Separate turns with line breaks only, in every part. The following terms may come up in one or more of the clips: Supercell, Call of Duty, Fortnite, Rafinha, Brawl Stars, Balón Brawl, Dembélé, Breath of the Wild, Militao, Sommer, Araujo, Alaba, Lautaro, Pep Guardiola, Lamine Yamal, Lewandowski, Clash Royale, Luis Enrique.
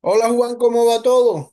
Hola Juan, ¿cómo va todo?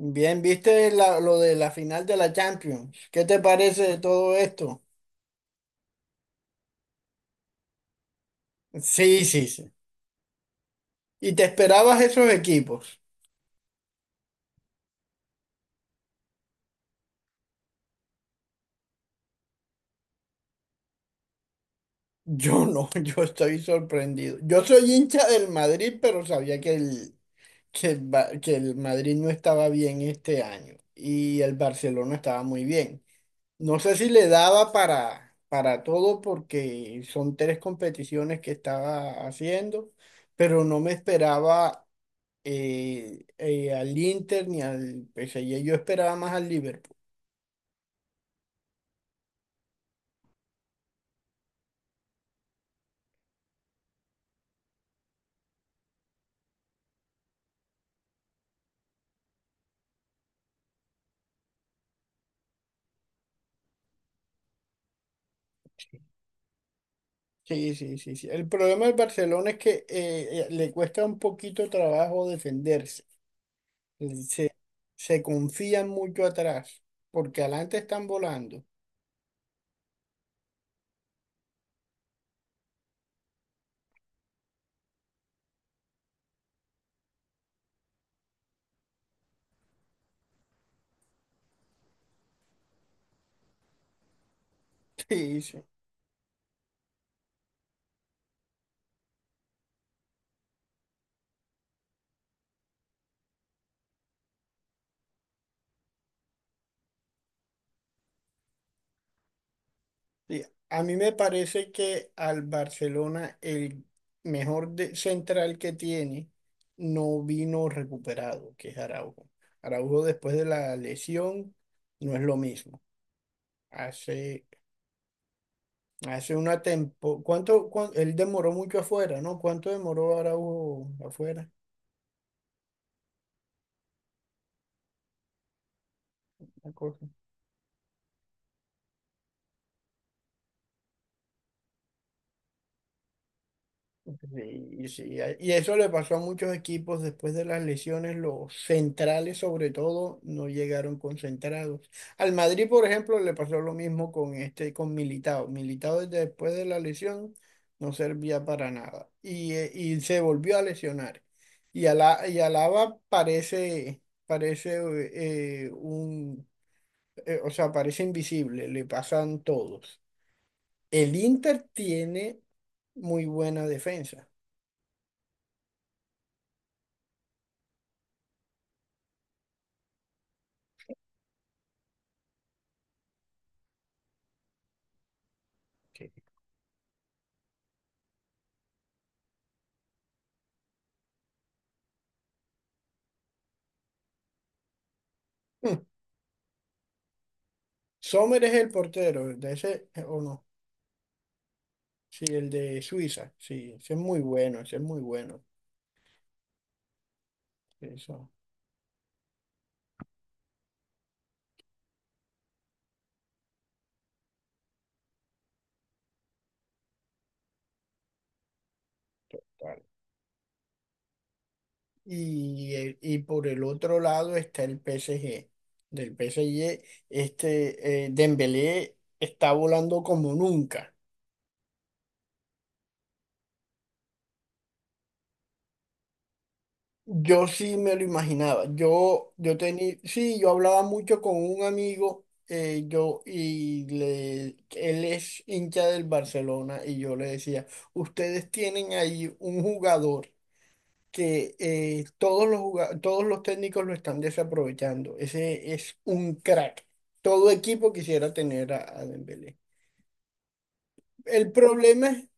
Bien, ¿viste lo de la final de la Champions? ¿Qué te parece de todo esto? Sí, sí, sí. ¿Y te esperabas esos equipos? Yo no, yo estoy sorprendido. Yo soy hincha del Madrid, pero sabía que el Madrid no estaba bien este año y el Barcelona estaba muy bien. No sé si le daba para todo porque son tres competiciones que estaba haciendo, pero no me esperaba al Inter ni al PSG. Yo esperaba más al Liverpool. Sí, sí, sí, sí. El problema del Barcelona es que le cuesta un poquito trabajo defenderse. Se, Se confían mucho atrás, porque adelante están volando. Sí, sí, sí. A mí me parece que al Barcelona el mejor central que tiene no vino recuperado, que es Araujo. Araujo después de la lesión no es lo mismo. Hace, Hace una tempo, él demoró mucho afuera, ¿no? ¿Cuánto demoró Araujo afuera? Una cosa. Sí, sí, y eso le pasó a muchos equipos después de las lesiones, los centrales sobre todo no llegaron concentrados. Al Madrid, por ejemplo, le pasó lo mismo con este, con Militao. Militao desde después de la lesión no servía para nada y, y se volvió a lesionar. Y Alaba parece un o sea, parece invisible, le pasan todos. El Inter tiene muy buena defensa. Sí. Hmm. Sommer es el portero, de ese o no. Sí, el de Suiza, sí, ese es muy bueno, ese es muy bueno. Eso, tal. Y, y por el otro lado está el PSG. Del PSG, este Dembélé está volando como nunca. Yo sí me lo imaginaba. Yo tenía, sí, yo hablaba mucho con un amigo, y él es hincha del Barcelona, y yo le decía, ustedes tienen ahí un jugador que todos los técnicos lo están desaprovechando. Ese es un crack. Todo equipo quisiera tener a Dembélé. El problema es,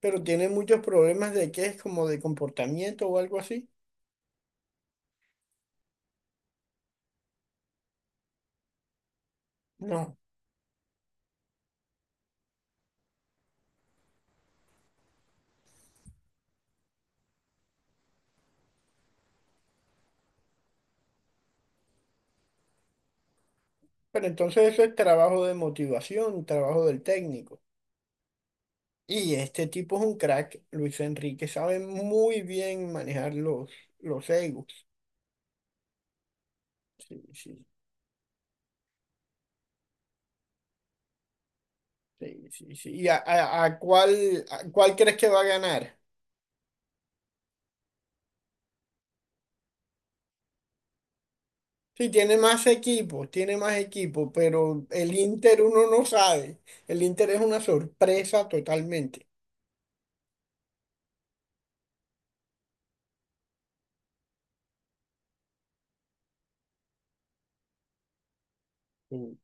pero tiene muchos problemas de que es como de comportamiento o algo así. No. Pero entonces eso es trabajo de motivación, trabajo del técnico. Y este tipo es un crack, Luis Enrique, sabe muy bien manejar los egos. Sí, sí, sí, sí, sí. ¿Y a cuál crees que va a ganar? Sí, tiene más equipo, pero el Inter uno no sabe. El Inter es una sorpresa totalmente. Sí.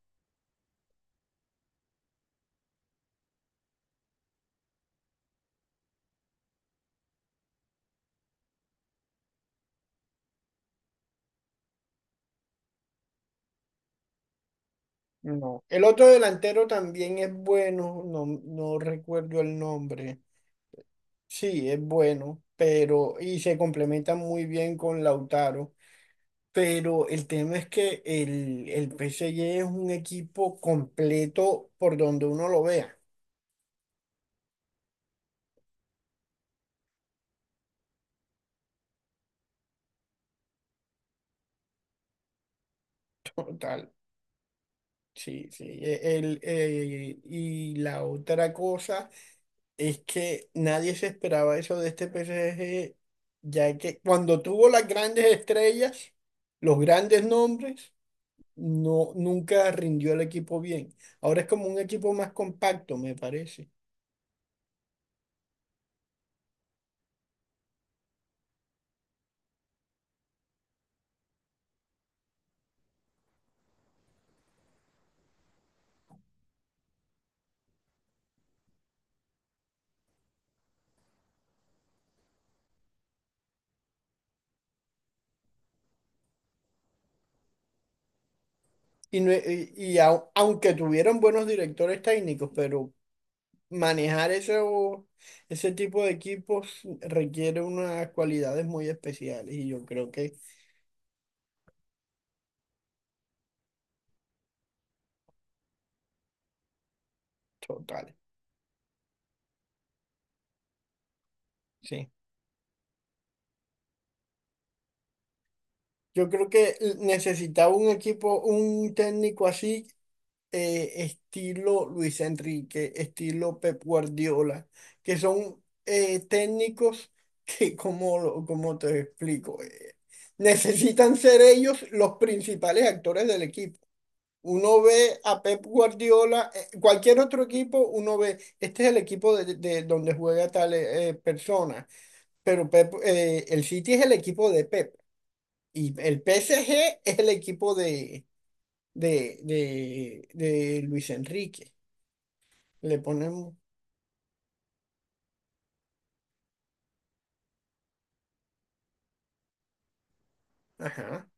No. El otro delantero también es bueno, no, no recuerdo el nombre. Sí, es bueno, pero y se complementa muy bien con Lautaro, pero el tema es que el P S G es un equipo completo por donde uno lo vea. Total, sí, sí. Y la otra cosa es que nadie se esperaba eso de este P S G, ya que cuando tuvo las grandes estrellas, los grandes nombres, no, nunca rindió el equipo bien. Ahora es como un equipo más compacto, me parece. Y, aunque tuvieron buenos directores técnicos, pero manejar eso, ese tipo de equipos requiere unas cualidades muy especiales y yo creo que total, sí. Yo creo que necesitaba un equipo, un técnico así estilo Luis Enrique, estilo Pep Guardiola, que son técnicos que, como, como te explico, necesitan ser ellos los principales actores del equipo. Uno ve a Pep Guardiola, cualquier otro equipo, uno ve, este es el equipo de donde juega tal persona, pero Pep, el City es el equipo de Pep y el PSG es el equipo de Luis Enrique. Le ponemos. Ajá.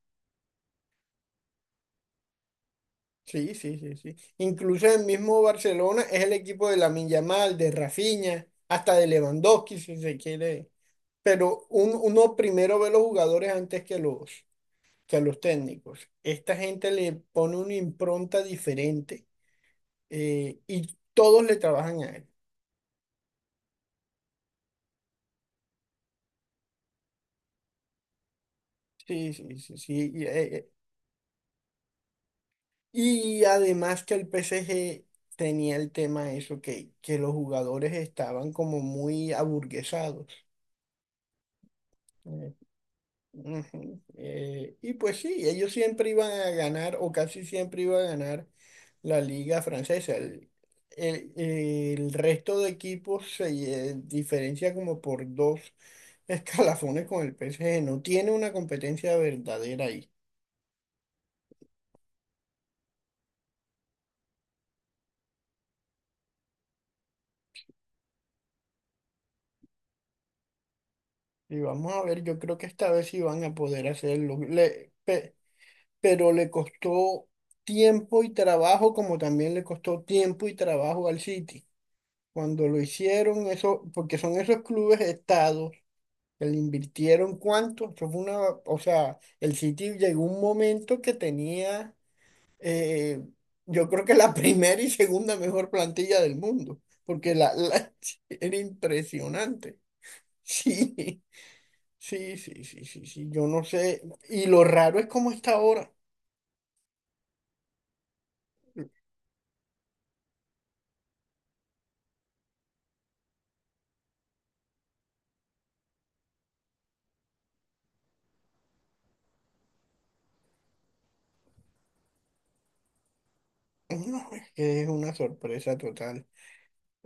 Sí, sí, sí, sí. Incluso el mismo Barcelona es el equipo de Lamine Yamal, de Rafinha, hasta de Lewandowski, si se quiere. Pero uno primero ve los jugadores antes que que los técnicos. Esta gente le pone una impronta diferente y todos le trabajan a él. Sí, sí, sí, sí. Y además que el PSG tenía el tema eso, que los jugadores estaban como muy aburguesados. Ujú. Y pues sí, ellos siempre iban a ganar o casi siempre iban a ganar la liga francesa. El resto de equipos se diferencia como por dos escalafones con el PSG. No tiene una competencia verdadera ahí. Y vamos a ver, yo creo que esta vez sí van a poder hacerlo. Pero le costó tiempo y trabajo como también le costó tiempo y trabajo al City. Cuando lo hicieron, eso, porque son esos clubes estados que le invirtieron cuánto, eso fue una, o sea, el City llegó un momento que tenía, eh, yo creo que la primera y segunda mejor plantilla del mundo, porque era impresionante. Sí, sí, sí, sí, sí, sí, yo no sé, y lo raro es cómo está ahora. No, es que es una sorpresa total.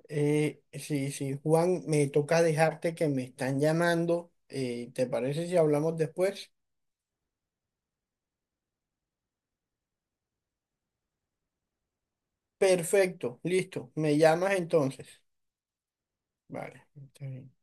Sí, sí, Juan, me toca dejarte que me están llamando. ¿Te parece si hablamos después? Perfecto, listo. Me llamas entonces. Vale, está bien.